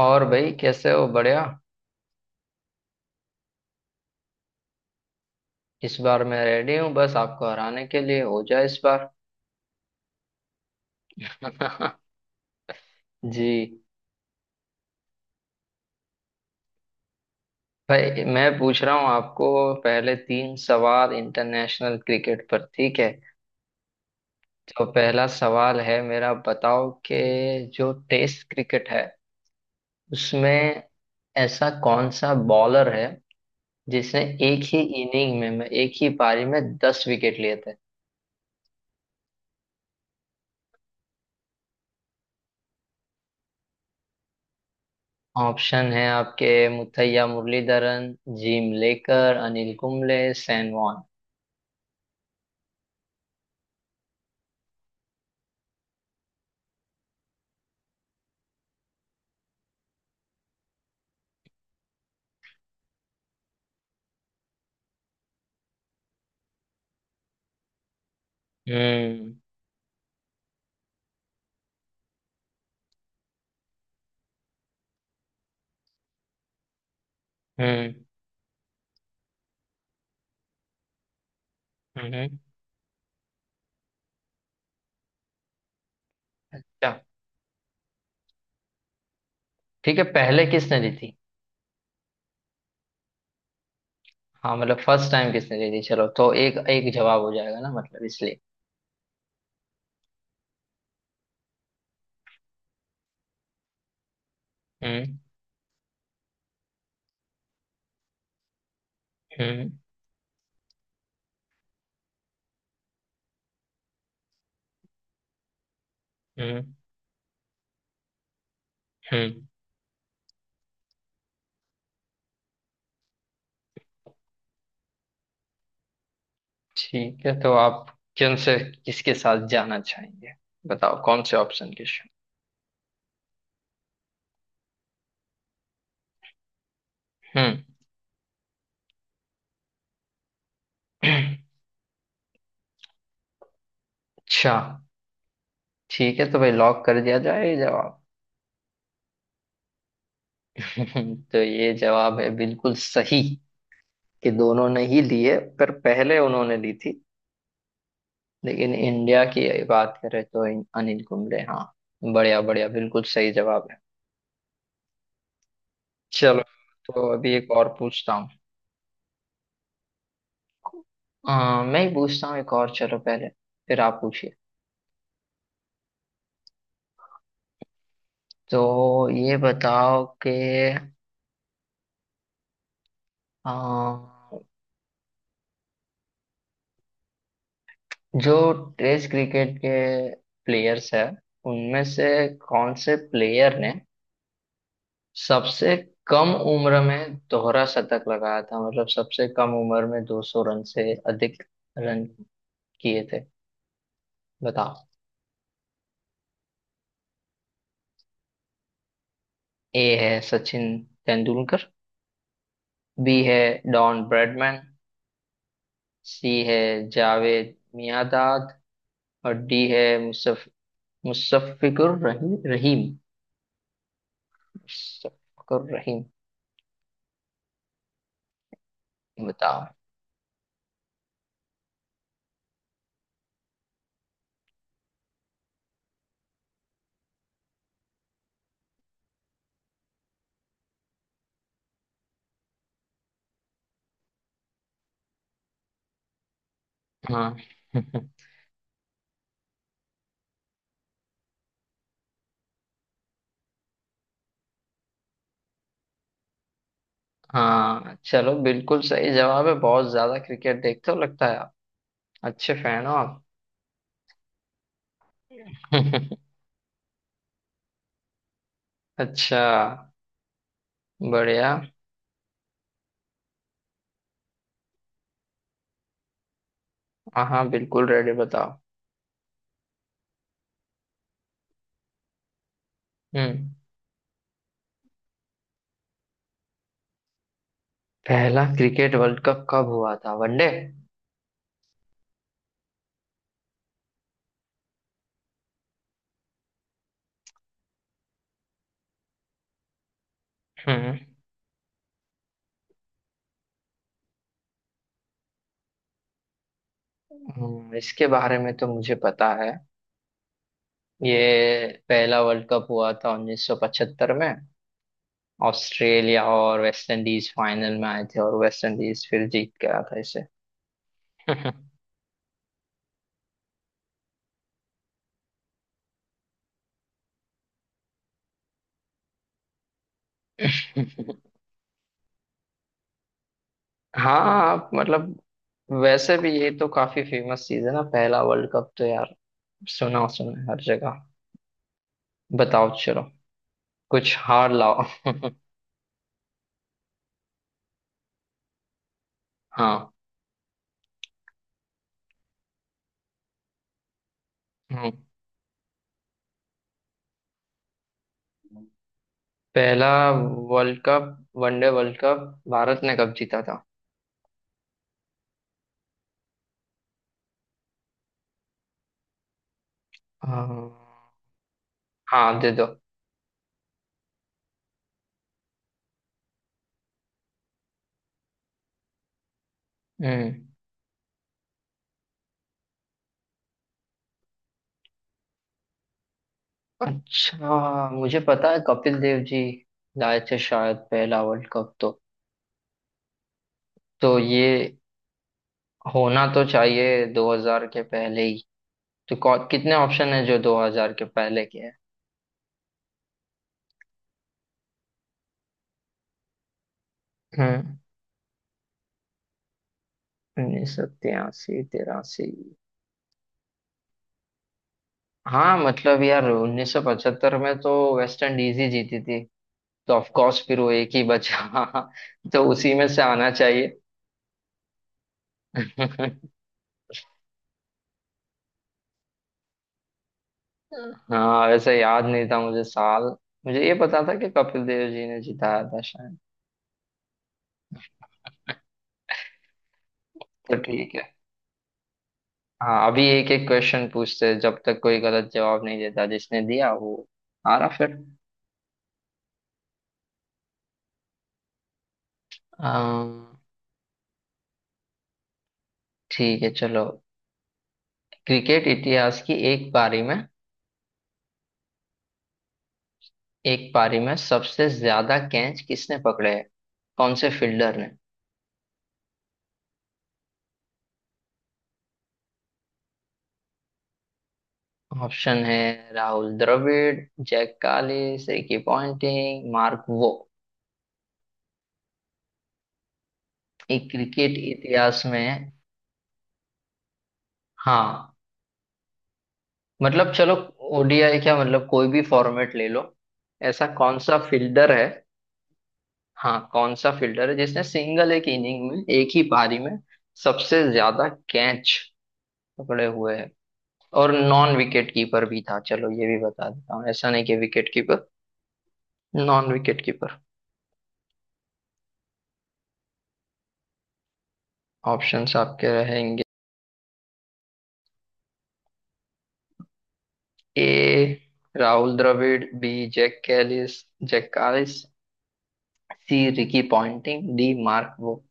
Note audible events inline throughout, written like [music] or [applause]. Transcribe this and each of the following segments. और भाई कैसे हो। बढ़िया। इस बार मैं रेडी हूँ बस आपको हराने के लिए। हो जाए इस बार। [laughs] जी। भाई मैं पूछ रहा हूँ आपको। पहले तीन सवाल इंटरनेशनल क्रिकेट पर, ठीक है। तो पहला सवाल है मेरा, बताओ कि जो टेस्ट क्रिकेट है उसमें ऐसा कौन सा बॉलर है जिसने एक ही इनिंग एक ही पारी में दस विकेट लिए। ऑप्शन है आपके — Muttiah Muralitharan, Jim Laker, Anil Kumble, Shane Warne. हम्म। हम्म। हम्म। अच्छा ठीक है, पहले किसने दी थी? हाँ मतलब फर्स्ट टाइम किसने दी थी, चलो तो एक एक जवाब हो जाएगा ना, मतलब इसलिए। हम्म। हम्म। हम्म। हम्म। ठीक है तो आप किन से किसके साथ जाना चाहेंगे, बताओ कौन से ऑप्शन के साथ? हम्म। [clears throat] अच्छा ठीक है, तो भाई लॉक कर दिया जाए ये जवाब। [laughs] तो ये जवाब है बिल्कुल सही कि दोनों ने ही लिए पर पहले उन्होंने ली थी। लेकिन इंडिया की बात करें तो अनिल कुंबले। हाँ, बढ़िया बढ़िया, बिल्कुल सही जवाब है। चलो, तो अभी एक और पूछता हूँ। मैं ही पूछता हूँ एक और, चलो पहले फिर आप पूछिए। तो ये बताओ कि अ, जो टेस्ट क्रिकेट के प्लेयर्स हैं उनमें से कौन से प्लेयर ने सबसे कम उम्र में दोहरा शतक लगाया था, मतलब सबसे कम उम्र में 200 रन से अधिक रन किए थे, बताओ। ए है सचिन तेंदुलकर, बी है डॉन ब्रैडमैन, सी है जावेद मियांदाद, और डी है मुसफ मुशफ़िकुर रहीम। मुशफ़िकुर रहीम। बताओ। हाँ। [laughs] हाँ चलो बिल्कुल सही जवाब है, बहुत ज्यादा क्रिकेट देखते हो लगता है आप, अच्छे फैन हो आप। [laughs] अच्छा। बढ़िया। हाँ हाँ, बिल्कुल रेडी, बताओ। हम्म। पहला क्रिकेट वर्ल्ड कप कब हुआ था, वनडे? हम्म। इसके बारे में तो मुझे पता है। ये पहला वर्ल्ड कप हुआ था 1975 में, ऑस्ट्रेलिया और वेस्ट इंडीज फाइनल में आए थे और वेस्ट इंडीज फिर जीत गया था इसे। [laughs] हाँ। आप मतलब, वैसे भी ये तो काफी फेमस चीज है ना, पहला वर्ल्ड कप तो यार, सुना सुना है हर जगह। बताओ चलो, कुछ हार लाओ। हाँ। हम्म। पहला world cup, one day world cup, Bharat ने कब जीता था? हाँ हाँ, दे दो। हम्म। अच्छा मुझे पता है कपिल देव जी लाए थे शायद पहला वर्ल्ड कप। तो ये होना तो चाहिए 2000 के पहले ही, तो कितने ऑप्शन है जो 2000 के पहले के हैं? हम्म। 1983, तिरासी। हाँ मतलब यार 1975 में तो वेस्ट इंडीज ही जीती थी, तो ऑफ कोर्स फिर वो एक ही बचा। [laughs] तो उसी में से आना चाहिए। [laughs] हाँ वैसे याद नहीं था मुझे साल, मुझे ये पता था कि कपिल देव जी ने जिताया था शायद। तो ठीक है। हाँ अभी एक एक क्वेश्चन पूछते हैं जब तक कोई गलत जवाब नहीं देता, जिसने दिया वो हारा फिर। अम, ठीक है चलो। क्रिकेट इतिहास की एक पारी में, एक पारी में सबसे ज्यादा कैच किसने पकड़े हैं, कौन से फील्डर? ऑप्शन है Rahul Dravid, Jacques Kallis, Ricky Ponting, Mark Waugh. एक क्रिकेट इतिहास में। हाँ मतलब चलो। ओडीआई क्या, मतलब कोई भी फॉर्मेट ले लो, ऐसा कौन सा फील्डर है। हाँ कौन सा फील्डर है जिसने सिंगल एक इनिंग में एक ही पारी में सबसे ज्यादा कैच पकड़े हुए हैं, और नॉन विकेट कीपर भी था, चलो ये भी बता देता हूँ, ऐसा नहीं कि wicket keeper, non wicket keeper. Options आपके रहेंगे — ए Rahul Dravid, B Jacques Kallis, Jacques Kallis, C Ricky Ponting, D Mark Waugh.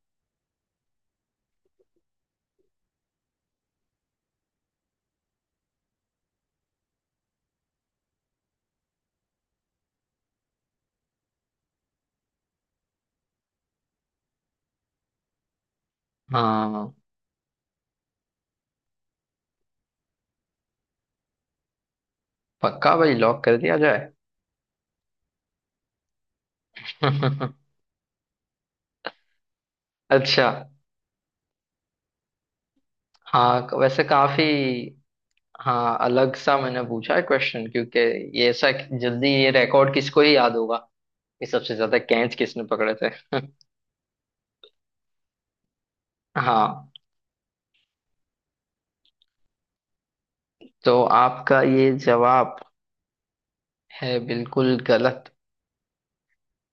हाँ पक्का भाई, लॉक कर दिया जाए। [laughs] अच्छा। हाँ वैसे काफी, हाँ अलग सा मैंने पूछा है क्वेश्चन, क्योंकि ये ऐसा जल्दी ये रिकॉर्ड किसको ही याद होगा कि सबसे ज्यादा कैच किसने पकड़े थे। [laughs] हाँ। तो आपका ये जवाब है बिल्कुल गलत,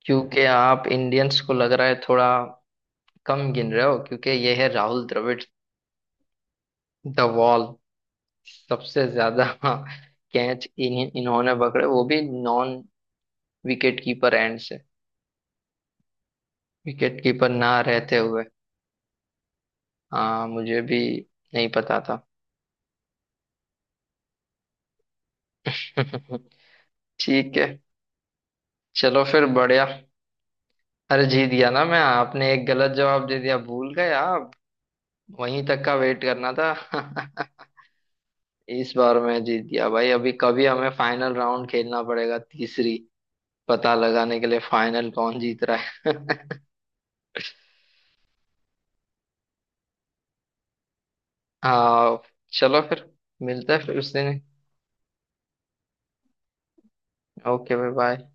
क्योंकि आप इंडियंस को लग रहा है थोड़ा कम गिन रहे हो, क्योंकि ये है राहुल द्रविड़ द वॉल, सबसे ज्यादा [laughs] कैच इन्हीं इन्होंने पकड़े, वो भी नॉन विकेट कीपर एंड से, विकेट कीपर ना रहते हुए। हाँ मुझे भी नहीं पता था। [laughs] ठीक है चलो फिर, बढ़िया। अरे जीत गया ना मैं, आपने एक गलत जवाब दे दिया, भूल गए आप। वहीं तक का वेट करना था। [laughs] इस बार मैं जीत गया भाई, अभी कभी हमें फाइनल राउंड खेलना पड़ेगा तीसरी, पता लगाने के लिए फाइनल कौन जीत रहा है। [laughs] हाँ चलो फिर, मिलता है फिर उस दिन। Okay bye bye.